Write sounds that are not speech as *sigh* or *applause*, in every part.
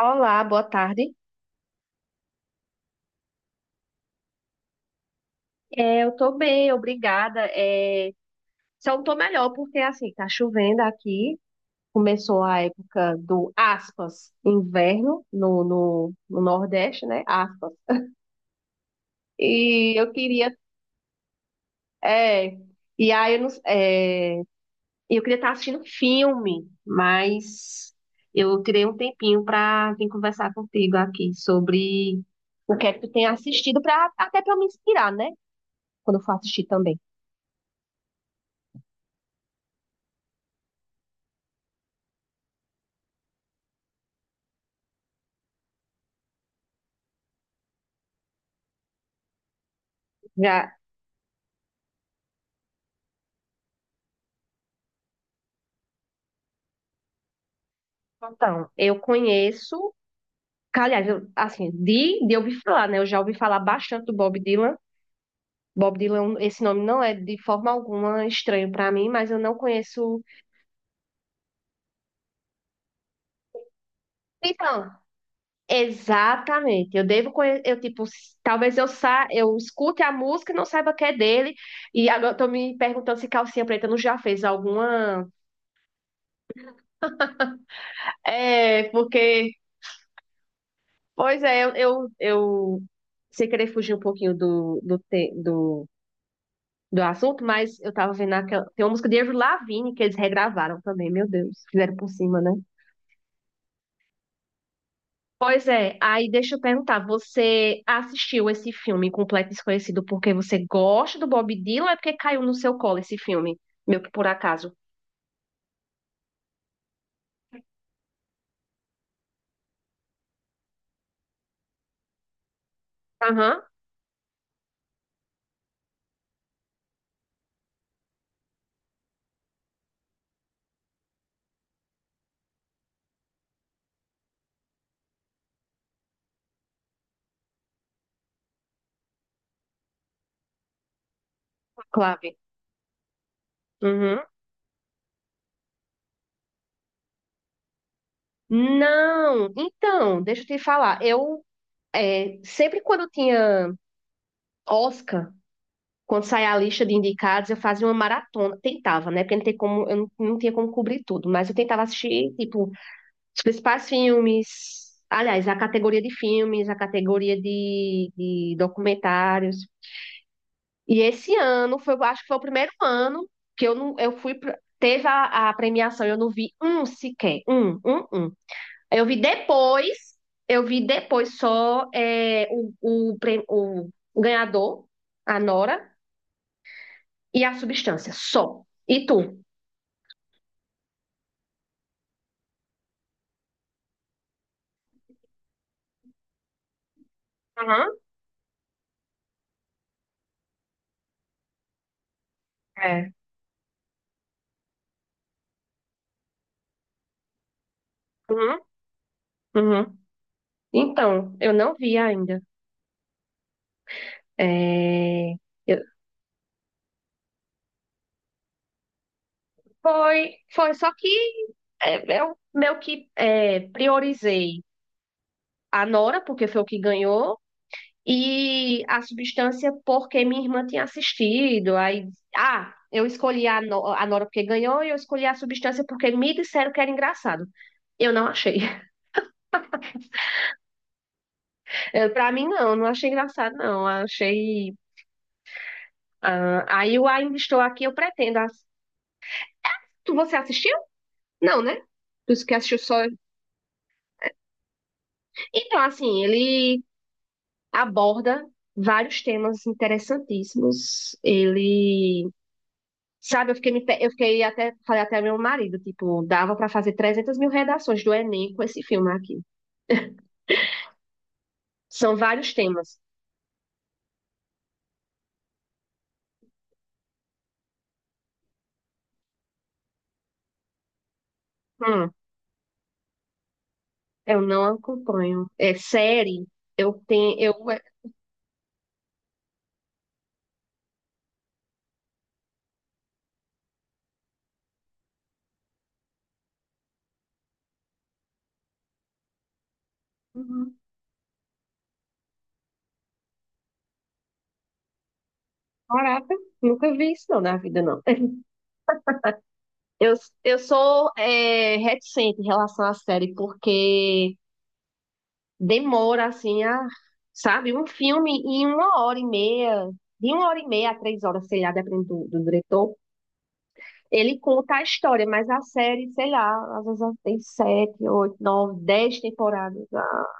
Olá, boa tarde. É, eu tô bem, obrigada. É, só não tô melhor porque assim, tá chovendo aqui. Começou a época do aspas, inverno no Nordeste, né? Aspas. E eu queria, é, e aí eu, não- é, eu queria estar assistindo filme, mas eu tirei um tempinho para vir conversar contigo aqui sobre o que é que tu tem assistido para até para me inspirar, né? Quando eu for assistir também. Já. Então, eu conheço, aliás, eu, assim, de ouvir falar, né? Eu já ouvi falar bastante do Bob Dylan. Bob Dylan, esse nome não é de forma alguma estranho para mim, mas eu não conheço. Então, exatamente. Eu devo conhecer, eu tipo, talvez eu escute a música e não saiba que é dele. E agora eu tô me perguntando se Calcinha Preta não já fez alguma. É, porque, pois é, eu sem querer fugir um pouquinho do, do, te- do do assunto, mas eu tava vendo aquela. Tem uma música de Avril Lavigne que eles regravaram também, meu Deus. Fizeram por cima, né? Pois é, aí deixa eu perguntar, você assistiu esse filme Completo Desconhecido porque você gosta do Bob Dylan ou é porque caiu no seu colo esse filme? Meu que por acaso. Aham. Clave. Uhum. Não, então, deixa eu te falar. Sempre quando tinha Oscar, quando saía a lista de indicados, eu fazia uma maratona. Tentava, né? Porque não tem como, eu não tinha como cobrir tudo. Mas eu tentava assistir, tipo, os principais filmes. Aliás, a categoria de filmes, a categoria de documentários. E esse ano, eu acho que foi o primeiro ano que eu não, eu fui, pra- teve a premiação, eu não vi um sequer, um. Eu vi depois, eu vi depois, só o ganhador, a Nora, e a substância, só. E tu? Uhum. É. Uhum. Uhum. Então, eu não vi ainda. É, eu- foi, só que eu meio que priorizei a Nora, porque foi o que ganhou, e a substância, porque minha irmã tinha assistido. Aí, ah, eu escolhi a, No- a Nora porque ganhou, e eu escolhi a substância porque me disseram que era engraçado. Eu não achei. *laughs* Pra mim, não, não achei engraçado, não. Achei. Ah, aí o Ainda Estou Aqui eu pretendo. Você assistiu? Não, né? Tu que assistiu só. Então, assim, ele aborda vários temas interessantíssimos. Ele. Sabe, eu fiquei até. Falei até ao meu marido, tipo, dava pra fazer 300 mil redações do Enem com esse filme aqui. São vários temas. Hum. Eu não acompanho. É série. Eu tenho. Uhum. Caraca, nunca vi isso não na vida, não. Eu, eu sou reticente em relação à série, porque demora, assim, sabe? Um filme em uma hora e meia, de uma hora e meia a três horas, sei lá, dependendo do diretor, ele conta a história, mas a série, sei lá, às vezes ela tem sete, oito, nove, dez temporadas. Ah,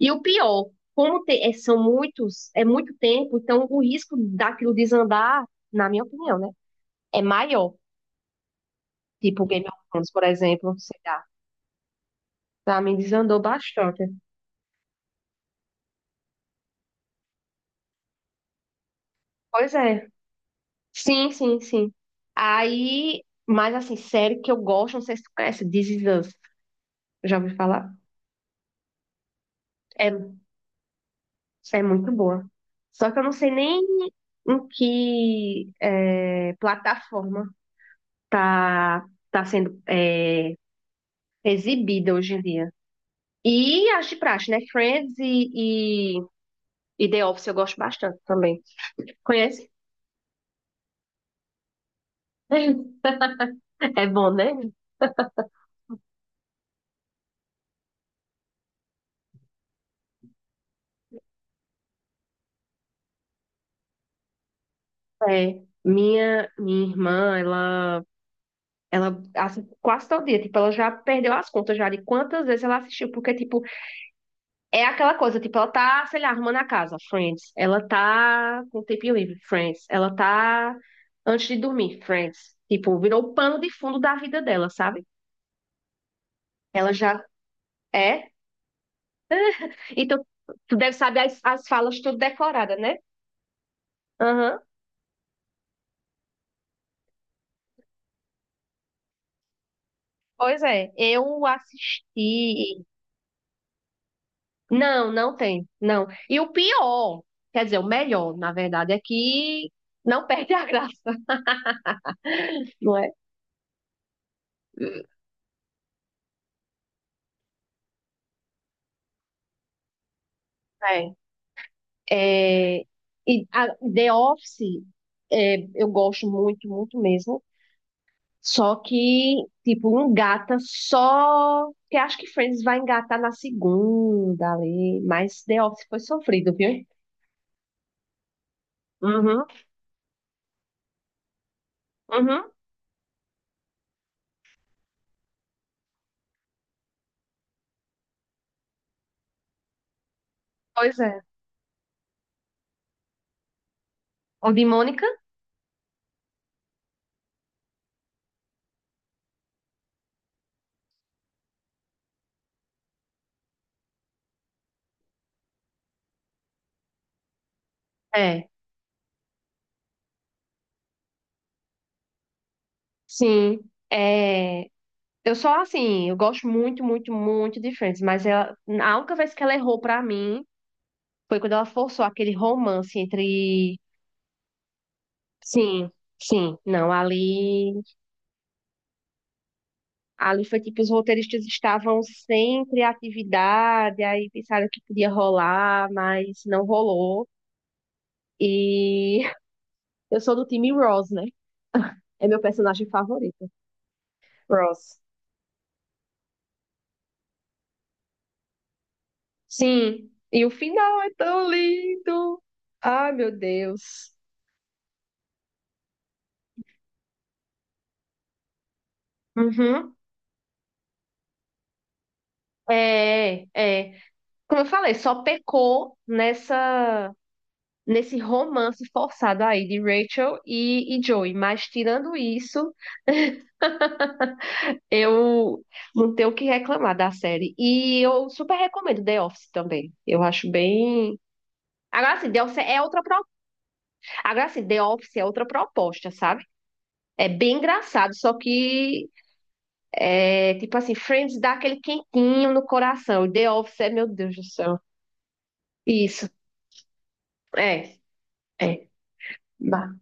e o pior, são muitos, muito tempo, então o risco daquilo desandar, na minha opinião, né? É maior. Tipo Game of Thrones, por exemplo, sei lá. Pra mim desandou bastante. Pois é. Sim, sim, sim. Aí, mas assim, série que eu gosto, não sei se tu conhece, This Is Us. Já ouvi falar? É, é muito boa. Só que eu não sei nem em que plataforma tá, tá sendo exibida hoje em dia. E as de praxe, né? Friends e The Office eu gosto bastante também. Conhece? *laughs* É bom, né? É. Minha irmã, ela, assim, quase todo dia, tipo, ela já perdeu as contas já de quantas vezes ela assistiu, porque, tipo, é aquela coisa, tipo, ela tá, sei lá, arrumando a casa, Friends. Ela tá com tempo livre, Friends. Ela tá antes de dormir, Friends. Tipo, virou o pano de fundo da vida dela, sabe? Ela já é. Então, tu deve saber as falas tudo decorada, né? Aham. Pois é, eu assisti. Não, não tem, não. E o pior, quer dizer, o melhor, na verdade, é que não perde a *laughs* graça, não é? É. É, e a The Office eu gosto muito, muito mesmo. Só que, tipo, um gata só. Que acho que Friends vai engatar na segunda ali. Mas The Office foi sofrido, viu? Uhum, uhum. Pois é. O de Mônica? É. Sim. É. Eu só, assim, eu gosto muito, muito, muito de Friends. Mas ela... a única vez que ela errou pra mim foi quando ela forçou aquele romance entre. Sim, sim. Não, ali foi tipo, os roteiristas estavam sem criatividade, aí pensaram que podia rolar, mas não rolou. E *laughs* eu sou do time Ross, né? É meu personagem favorito. Ross. Sim. E o final é tão lindo. Ai, meu Deus. Uhum. É, é. Como eu falei, só pecou nessa. Nesse romance forçado aí de Rachel e Joey. Mas tirando isso, *laughs* eu não tenho o que reclamar da série. E eu super recomendo The Office também. Eu acho bem. Agora assim, The Office é outra pro... Agora assim, The Office é outra proposta, sabe? É bem engraçado, só que é tipo assim, Friends dá aquele quentinho no coração. E The Office meu Deus do céu. Isso, é, é. Bah.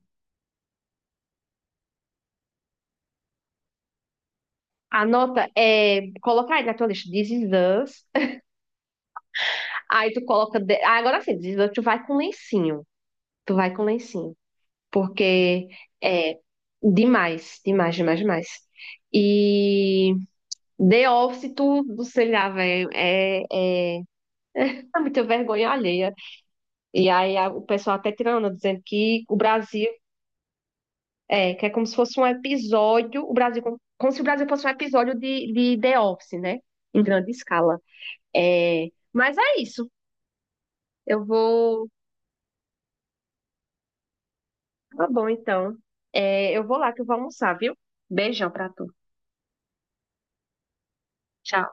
A nota é. Colocar aí na tua lista This Is Us. Aí tu coloca. Ah, agora sim, tu vai com lencinho. Tu vai com lencinho. Porque é demais, demais, demais, demais. E The Office, tu sei lá, velho, é muita vergonha alheia. E aí o pessoal até tirando, dizendo que o Brasil que é como se fosse um episódio, o Brasil, como se o Brasil fosse um episódio de The Office, né? Em grande escala. É, mas é isso. Eu vou. Tá bom, então. É, eu vou lá que eu vou almoçar, viu? Beijão pra tu. Tchau.